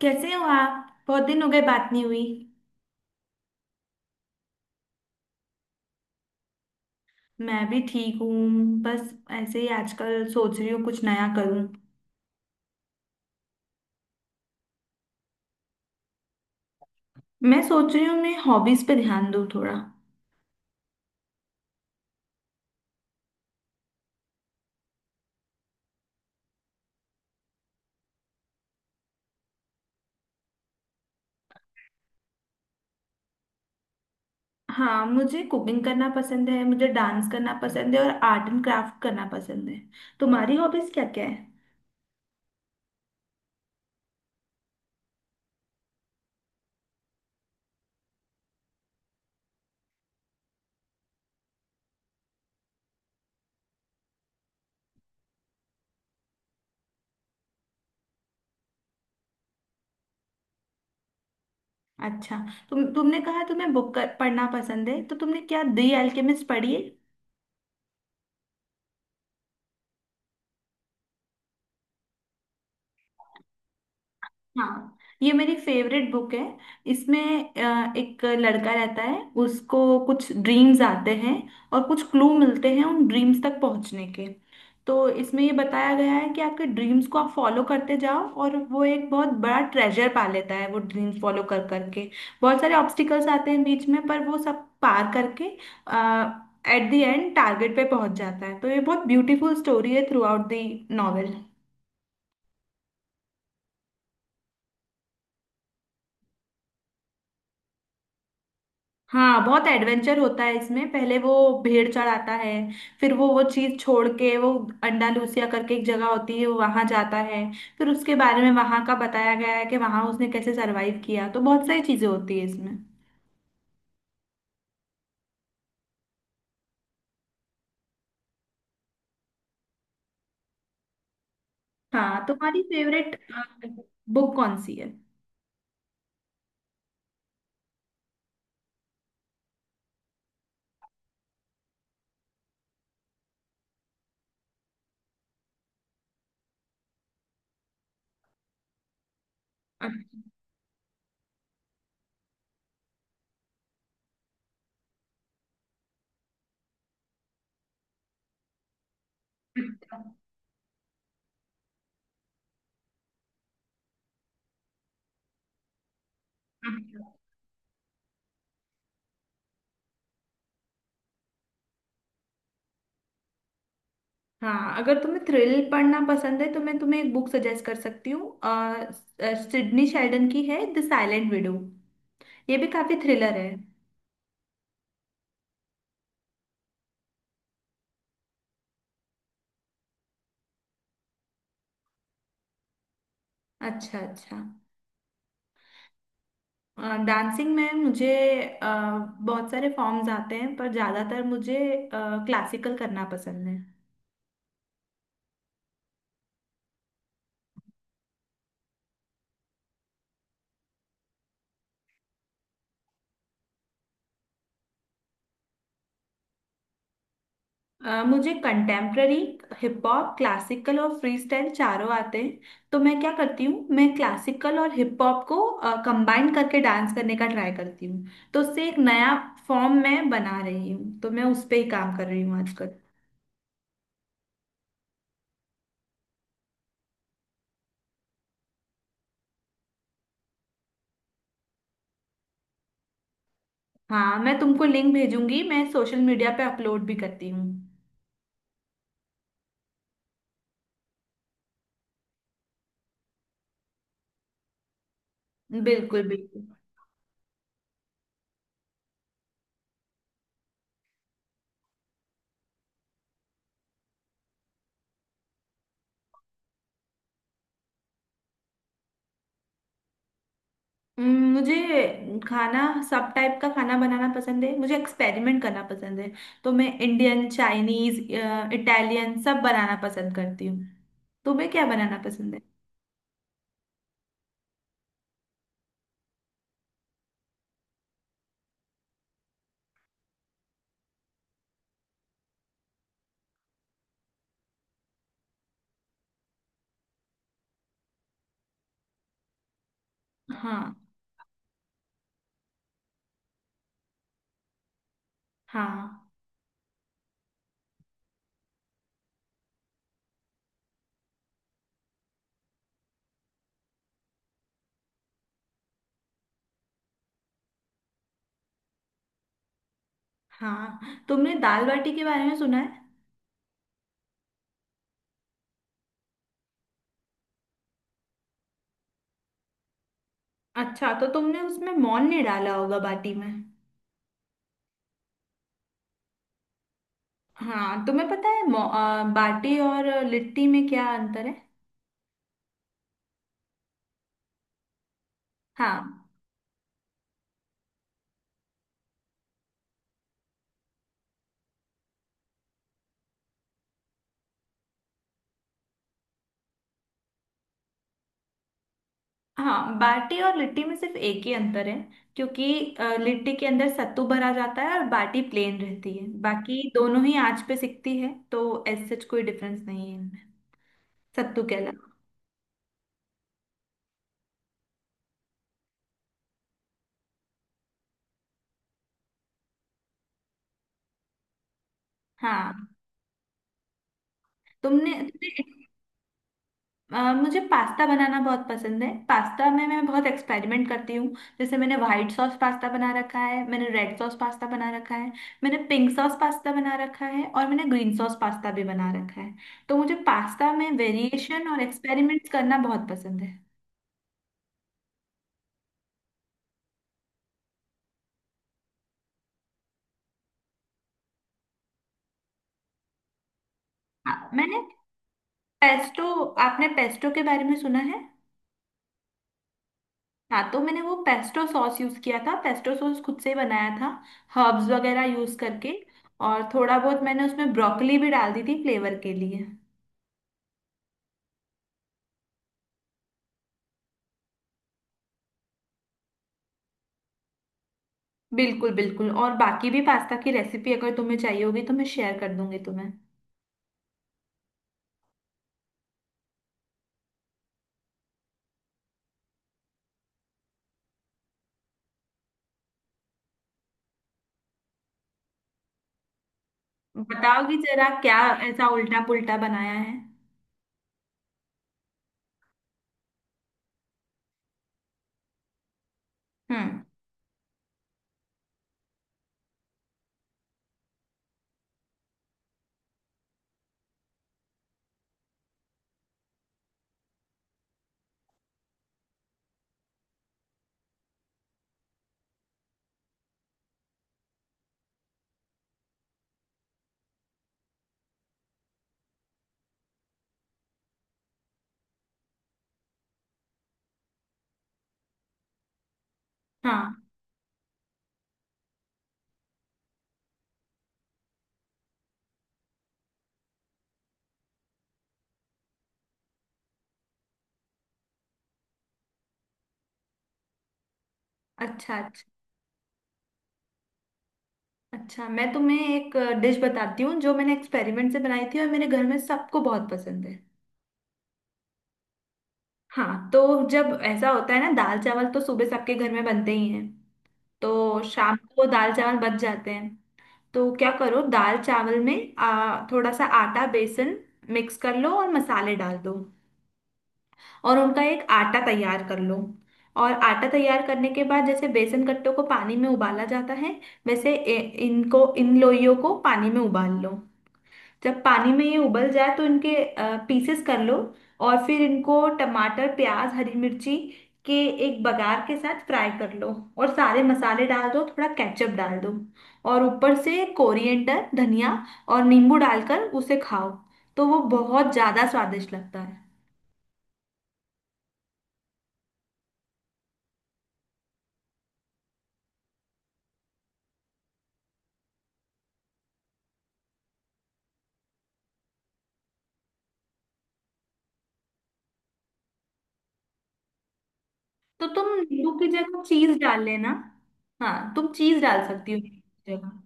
कैसे हो आप। बहुत दिन हो गए बात नहीं हुई। मैं भी ठीक हूँ। बस ऐसे ही आजकल सोच रही हूँ कुछ नया करूँ। मैं सोच रही हूँ मैं हॉबीज पे ध्यान दूँ थोड़ा। हाँ, मुझे कुकिंग करना पसंद है, मुझे डांस करना पसंद है, और आर्ट एंड क्राफ्ट करना पसंद है। तुम्हारी हॉबीज क्या क्या है? अच्छा, तुमने कहा तुम्हें पढ़ना पसंद है, तो तुमने क्या दी अल्केमिस्ट पढ़ी है? हाँ, ये मेरी फेवरेट बुक है। इसमें एक लड़का रहता है, उसको कुछ ड्रीम्स आते हैं और कुछ क्लू मिलते हैं उन ड्रीम्स तक पहुंचने के। तो इसमें ये बताया गया है कि आपके ड्रीम्स को आप फॉलो करते जाओ, और वो एक बहुत बड़ा ट्रेजर पा लेता है वो ड्रीम्स फॉलो कर करके। बहुत सारे ऑब्स्टिकल्स आते हैं बीच में, पर वो सब पार करके एट द एंड टारगेट पे पहुंच जाता है। तो ये बहुत ब्यूटीफुल स्टोरी है थ्रू आउट द नॉवेल। हाँ, बहुत एडवेंचर होता है इसमें। पहले वो भेड़ चढ़ाता है, फिर वो चीज छोड़ के वो अंडालूसिया करके एक जगह होती है, वहां जाता है। फिर उसके बारे में वहां का बताया गया है कि वहां उसने कैसे सरवाइव किया। तो बहुत सारी चीजें होती है इसमें। हाँ, तुम्हारी फेवरेट बुक कौन सी है? अच्छा, अच्छा। हाँ, अगर तुम्हें थ्रिल पढ़ना पसंद है तो मैं तुम्हें एक बुक सजेस्ट कर सकती हूँ। सिडनी शेल्डन की है द साइलेंट विडो। ये भी काफी थ्रिलर है। अच्छा, अच्छा। डांसिंग में मुझे अ, बहुत सारे फॉर्म्स आते हैं, पर ज़्यादातर मुझे क्लासिकल करना पसंद है। मुझे कंटेम्प्ररी, हिप हॉप, क्लासिकल और फ्री स्टाइल चारों आते हैं। तो मैं क्या करती हूँ, मैं क्लासिकल और हिप हॉप को कंबाइन करके डांस करने का ट्राई करती हूँ। तो उससे एक नया फॉर्म मैं बना रही हूँ, तो मैं उस पर ही काम कर रही हूँ आजकल। हाँ, मैं तुमको लिंक भेजूंगी। मैं सोशल मीडिया पे अपलोड भी करती हूँ। बिल्कुल, बिल्कुल। मुझे खाना, सब टाइप का खाना बनाना पसंद है। मुझे एक्सपेरिमेंट करना पसंद है। तो मैं इंडियन, चाइनीज, इटालियन सब बनाना पसंद करती हूँ। तुम्हें क्या बनाना पसंद है? हाँ। हाँ। हाँ, तुमने दाल बाटी के बारे में सुना है? अच्छा, तो तुमने उसमें मौन नहीं डाला होगा बाटी में। हाँ, तुम्हें पता है बाटी और लिट्टी में क्या अंतर है? हाँ। हाँ, बाटी और लिट्टी में सिर्फ एक ही अंतर है, क्योंकि लिट्टी के अंदर सत्तू भरा जाता है और बाटी प्लेन रहती है। बाकी दोनों ही आंच पे सिकती है, तो ऐसे कोई डिफरेंस नहीं है इनमें, सत्तू के अलावा। हाँ। तुमने तुमने मुझे पास्ता बनाना बहुत पसंद है। पास्ता में मैं बहुत एक्सपेरिमेंट करती हूँ। जैसे मैंने व्हाइट सॉस पास्ता बना रखा है, मैंने रेड सॉस पास्ता बना रखा है, मैंने पिंक सॉस पास्ता बना रखा है, और मैंने ग्रीन सॉस पास्ता भी बना रखा है। तो मुझे पास्ता में वेरिएशन और एक्सपेरिमेंट्स करना बहुत पसंद है। हाँ, मैंने पेस्टो, आपने पेस्टो के बारे में सुना है? हाँ, तो मैंने वो पेस्टो सॉस यूज़ किया था। पेस्टो सॉस खुद से ही बनाया था, हर्ब्स वगैरह यूज़ करके। और थोड़ा बहुत मैंने उसमें ब्रोकली भी डाल दी थी फ्लेवर के लिए। बिल्कुल, बिल्कुल। और बाकी भी पास्ता की रेसिपी अगर तुम्हें चाहिए होगी तो मैं शेयर कर दूंगी तुम्हें। बताओगी जरा क्या ऐसा उल्टा पुल्टा बनाया है? हम्म। हाँ। अच्छा, अच्छा। अच्छा, मैं तुम्हें एक डिश बताती हूँ जो मैंने एक्सपेरिमेंट से बनाई थी, और मेरे घर में सबको बहुत पसंद है। हाँ, तो जब ऐसा होता है ना, दाल चावल तो सुबह सबके घर में बनते ही हैं। तो शाम को दाल चावल बच जाते हैं। तो क्या करो, दाल चावल में थोड़ा सा आटा बेसन मिक्स कर लो और मसाले डाल दो, और उनका एक आटा तैयार कर लो। और आटा तैयार करने के बाद जैसे बेसन कट्टों को पानी में उबाला जाता है, वैसे इनको, इन लोइयों को पानी में उबाल लो। जब पानी में ये उबल जाए तो इनके पीसेस कर लो, और फिर इनको टमाटर, प्याज, हरी मिर्ची के एक बघार के साथ फ्राई कर लो, और सारे मसाले डाल दो, थोड़ा केचप डाल दो, और ऊपर से कोरिएंडर, धनिया और नींबू डालकर उसे खाओ। तो वो बहुत ज़्यादा स्वादिष्ट लगता है। तो तुम नींबू की जगह चीज डाल लेना। हाँ, तुम चीज डाल सकती हो नींबू की जगह।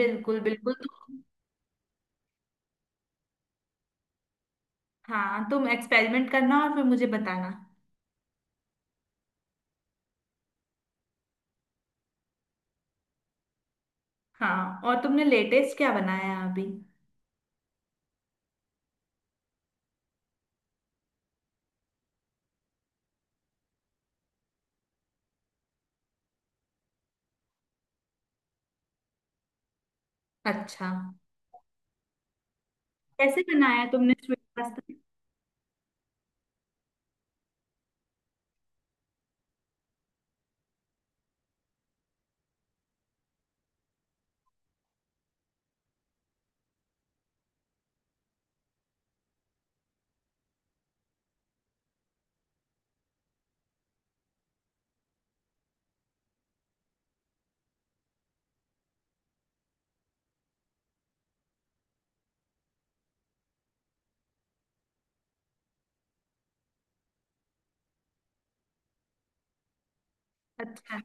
बिल्कुल, बिल्कुल। तुम, हाँ, तुम एक्सपेरिमेंट करना और फिर मुझे बताना। हाँ, और तुमने लेटेस्ट क्या बनाया अभी? अच्छा। कैसे बनाया तुमने स्वीट पास्ता? अच्छा,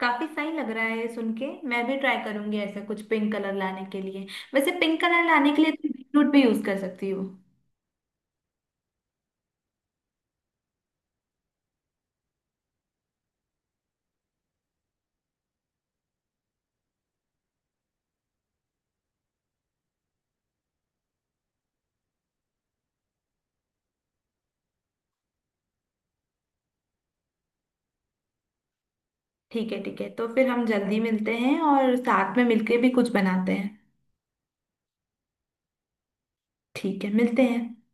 काफी सही लग रहा है ये सुन के। मैं भी ट्राई करूंगी ऐसा कुछ पिंक कलर लाने के लिए। वैसे पिंक कलर लाने के लिए तुम बीटरूट भी यूज कर सकती हो। ठीक है, ठीक है, तो फिर हम जल्दी मिलते हैं और साथ में मिलके भी कुछ बनाते हैं। ठीक है, मिलते हैं।